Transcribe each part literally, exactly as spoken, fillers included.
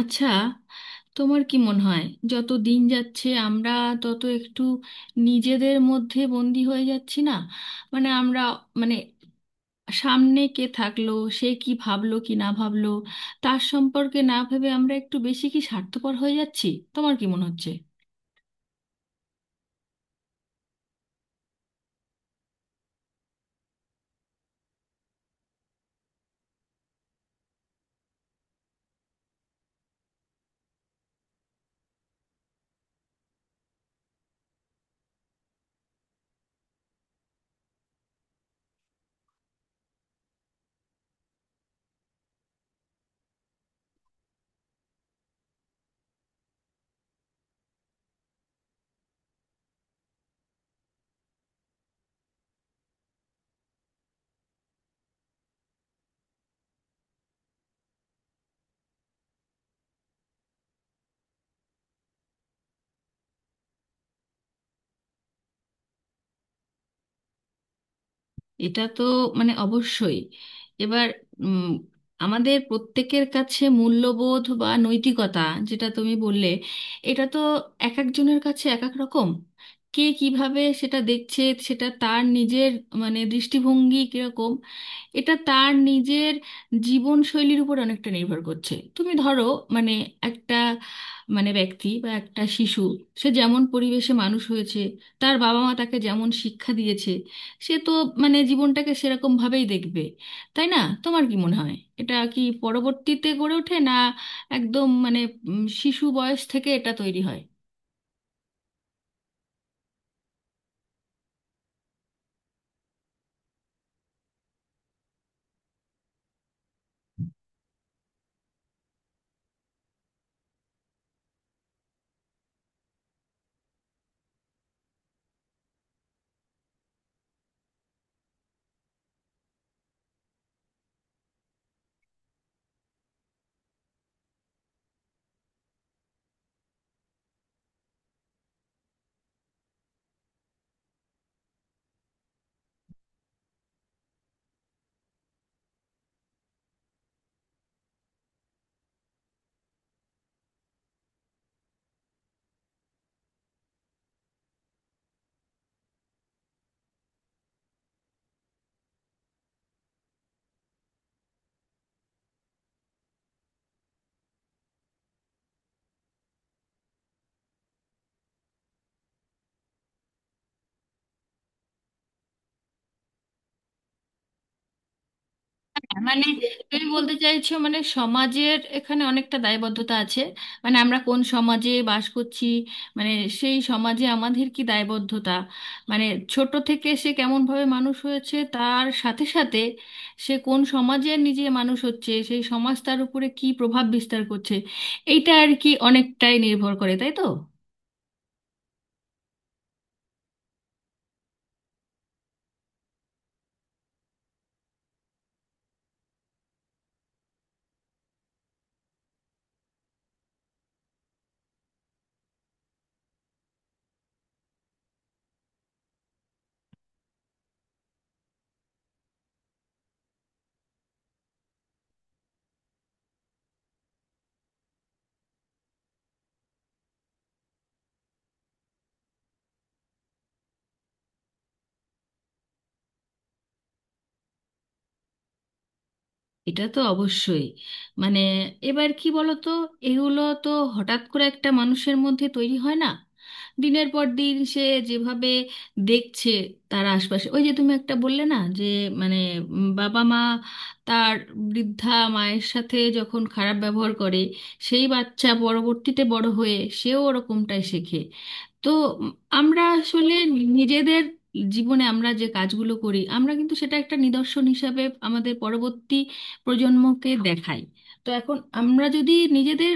আচ্ছা, তোমার কি মনে হয় যত দিন যাচ্ছে আমরা তত একটু নিজেদের মধ্যে বন্দি হয়ে যাচ্ছি না? মানে আমরা, মানে, সামনে কে থাকলো, সে কি ভাবলো কি না ভাবলো, তার সম্পর্কে না ভেবে আমরা একটু বেশি কি স্বার্থপর হয়ে যাচ্ছি? তোমার কি মনে হচ্ছে? এটা তো মানে অবশ্যই। এবার উম, আমাদের প্রত্যেকের কাছে মূল্যবোধ বা নৈতিকতা, যেটা তুমি বললে, এটা তো এক একজনের কাছে এক এক রকম। কে কিভাবে সেটা দেখছে, সেটা তার নিজের মানে দৃষ্টিভঙ্গি কিরকম, এটা তার নিজের জীবনশৈলীর উপর অনেকটা নির্ভর করছে। তুমি ধরো, মানে একটা, মানে ব্যক্তি বা একটা শিশু, সে যেমন পরিবেশে মানুষ হয়েছে, তার বাবা মা তাকে যেমন শিক্ষা দিয়েছে, সে তো মানে জীবনটাকে সেরকম ভাবেই দেখবে, তাই না? তোমার কি মনে হয় এটা কি পরবর্তীতে গড়ে ওঠে না? একদম মানে উম, শিশু বয়স থেকে এটা তৈরি হয়। মানে তুমি বলতে চাইছো মানে সমাজের এখানে অনেকটা দায়বদ্ধতা আছে, মানে আমরা কোন সমাজে বাস করছি, মানে সেই সমাজে আমাদের কি দায়বদ্ধতা, মানে ছোট থেকে সে কেমনভাবে মানুষ হয়েছে তার সাথে সাথে সে কোন সমাজে নিজে মানুষ হচ্ছে, সেই সমাজ তার উপরে কি প্রভাব বিস্তার করছে, এইটা আর কি অনেকটাই নির্ভর করে, তাই তো? এটা তো অবশ্যই। মানে এবার কি বলতো, এগুলো তো হঠাৎ করে একটা মানুষের মধ্যে তৈরি হয় না। দিনের পর দিন সে যেভাবে দেখছে তার আশপাশে, ওই যে তুমি একটা বললে না যে, মানে উম, বাবা মা তার বৃদ্ধা মায়ের সাথে যখন খারাপ ব্যবহার করে, সেই বাচ্চা পরবর্তীতে বড় হয়ে সেও ওরকমটাই শেখে। তো উম, আমরা আসলে নিজেদের জীবনে আমরা যে কাজগুলো করি, আমরা কিন্তু সেটা একটা নিদর্শন হিসাবে আমাদের পরবর্তী প্রজন্মকে দেখাই। তো এখন আমরা যদি নিজেদের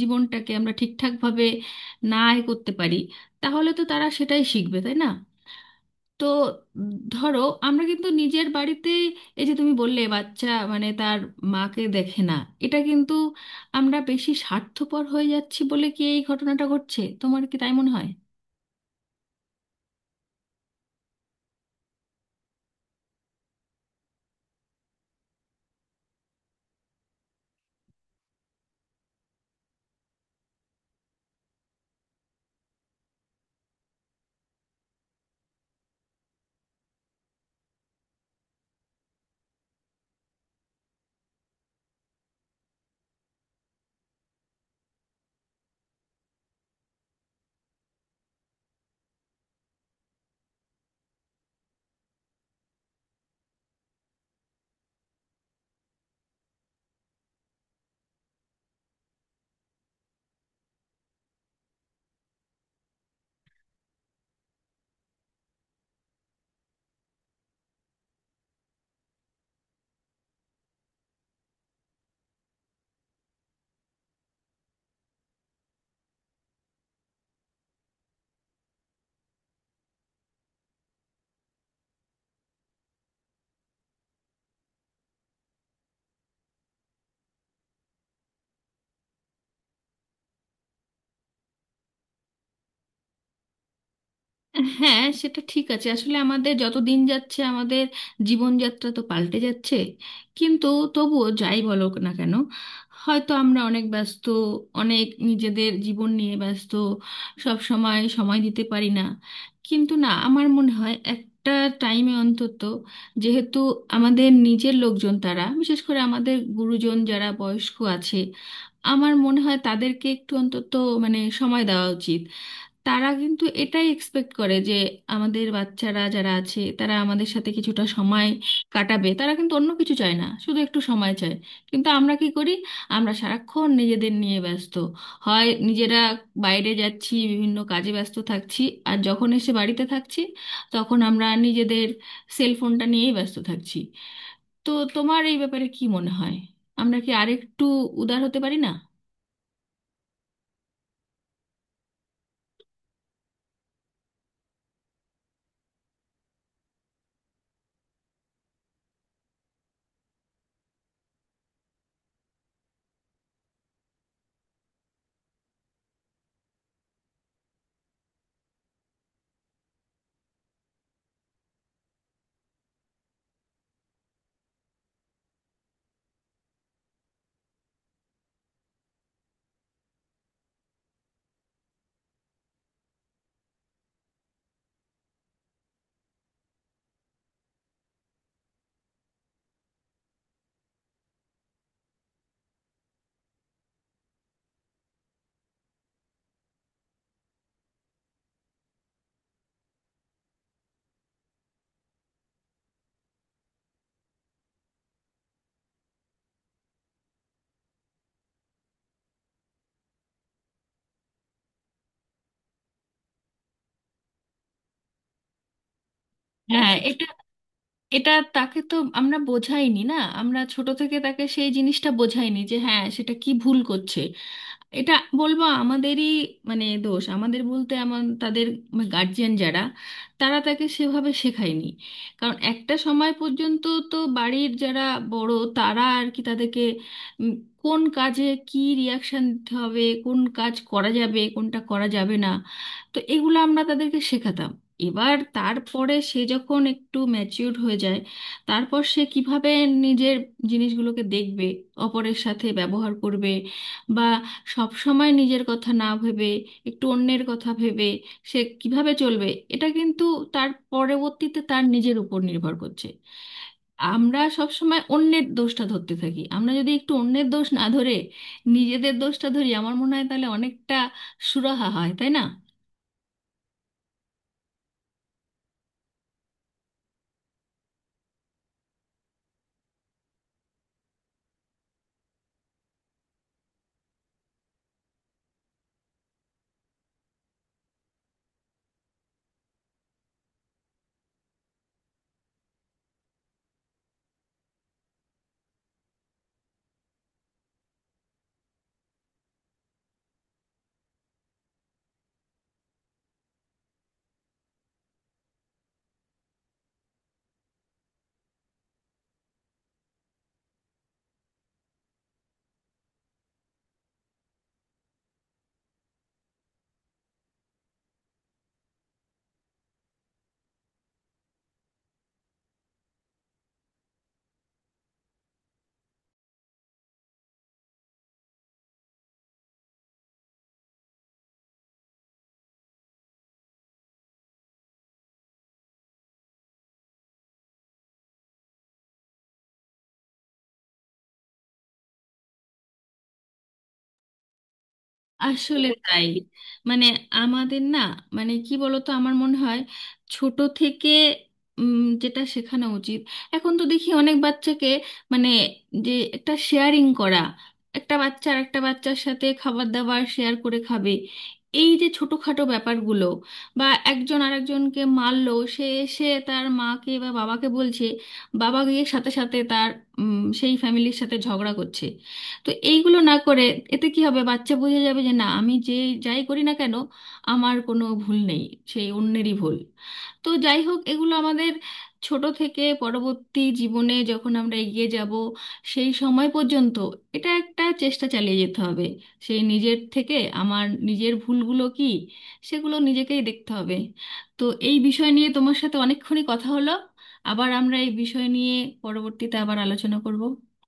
জীবনটাকে আমরা ঠিকঠাকভাবে না এ করতে পারি, তাহলে তো তারা সেটাই শিখবে, তাই না? তো উম, ধরো আমরা কিন্তু নিজের বাড়িতে, এই যে তুমি বললে বাচ্চা মানে তার মাকে দেখে না, এটা কিন্তু আমরা বেশি স্বার্থপর হয়ে যাচ্ছি বলে কি এই ঘটনাটা ঘটছে? তোমার কি তাই মনে হয়? হ্যাঁ, সেটা ঠিক আছে আসলে আমাদের যত দিন যাচ্ছে আমাদের জীবনযাত্রা তো পাল্টে যাচ্ছে কিন্তু তবুও যাই বলো না কেন হয়তো আমরা অনেক ব্যস্ত অনেক নিজেদের জীবন নিয়ে ব্যস্ত সব সময় সময় দিতে পারি না কিন্তু না আমার মনে হয় একটা টাইমে অন্তত যেহেতু আমাদের নিজের লোকজন তারা বিশেষ করে আমাদের গুরুজন যারা বয়স্ক আছে আমার মনে হয় তাদেরকে একটু অন্তত মানে সময় দেওয়া উচিত তারা কিন্তু এটাই এক্সপেক্ট করে যে আমাদের বাচ্চারা যারা আছে তারা আমাদের সাথে কিছুটা সময় কাটাবে তারা কিন্তু অন্য কিছু চায় না শুধু একটু সময় চায় কিন্তু আমরা কি করি আমরা সারাক্ষণ নিজেদের নিয়ে ব্যস্ত হয় নিজেরা বাইরে যাচ্ছি বিভিন্ন কাজে ব্যস্ত থাকছি আর যখন এসে বাড়িতে থাকছি তখন আমরা নিজেদের সেল ফোনটা নিয়েই ব্যস্ত থাকছি তো তোমার এই ব্যাপারে কি মনে হয় আমরা কি আরেকটু উদার হতে পারি না হ্যাঁ এটা এটা তাকে তো আমরা বোঝাইনি। না, আমরা ছোট থেকে তাকে সেই জিনিসটা বোঝাইনি যে হ্যাঁ সেটা কি ভুল করছে। এটা বলবো আমাদেরই, মানে দোষ, আমাদের বলতে আমার তাদের গার্জিয়ান যারা, তারা তাকে সেভাবে শেখায়নি। কারণ একটা সময় পর্যন্ত তো বাড়ির যারা বড়, তারা আর কি তাদেরকে উম, কোন কাজে কি রিয়াকশন দিতে হবে, কোন কাজ করা যাবে, কোনটা করা যাবে না, তো এগুলো আমরা তাদেরকে শেখাতাম। এবার তারপরে সে যখন একটু ম্যাচিউর হয়ে যায়, তারপর সে কিভাবে নিজের জিনিসগুলোকে দেখবে, অপরের সাথে ব্যবহার করবে, বা সব সময় নিজের কথা না ভেবে একটু অন্যের কথা ভেবে সে কিভাবে চলবে, এটা কিন্তু তার পরবর্তীতে তার নিজের উপর নির্ভর করছে। আমরা সব সময় অন্যের দোষটা ধরতে থাকি। আমরা যদি একটু অন্যের দোষ না ধরে নিজেদের দোষটা ধরি, আমার মনে হয় তাহলে অনেকটা সুরাহা হয়, তাই না? আসলে তাই, মানে আমাদের, না, মানে কি বলতো, আমার মনে হয় ছোট থেকে উম, যেটা শেখানো উচিত। এখন তো দেখি অনেক বাচ্চাকে, মানে যে একটা শেয়ারিং করা, একটা বাচ্চা আর একটা বাচ্চার সাথে খাবার দাবার শেয়ার করে খাবে। এই যে ছোটখাটো ব্যাপারগুলো, বা একজন আরেকজনকে মারলো, সে এসে তার মাকে বা বাবাকে বলছে, বাবা গিয়ে সাথে সাথে তার উম, সেই ফ্যামিলির সাথে ঝগড়া করছে। তো এইগুলো না করে, এতে কি হবে, বাচ্চা বুঝে যাবে যে না, আমি যে যাই করি না কেন, আমার কোনো ভুল নেই, সেই অন্যেরই ভুল। তো যাই হোক, এগুলো আমাদের ছোট থেকে পরবর্তী জীবনে যখন আমরা এগিয়ে যাব সেই সময় পর্যন্ত, এটা একটা চেষ্টা চালিয়ে যেতে হবে। সেই নিজের থেকে আমার নিজের ভুলগুলো কি, সেগুলো নিজেকেই দেখতে হবে। তো এই বিষয় নিয়ে তোমার সাথে অনেকক্ষণই কথা হলো। আবার আমরা এই বিষয় নিয়ে পরবর্তীতে আবার আলোচনা করব।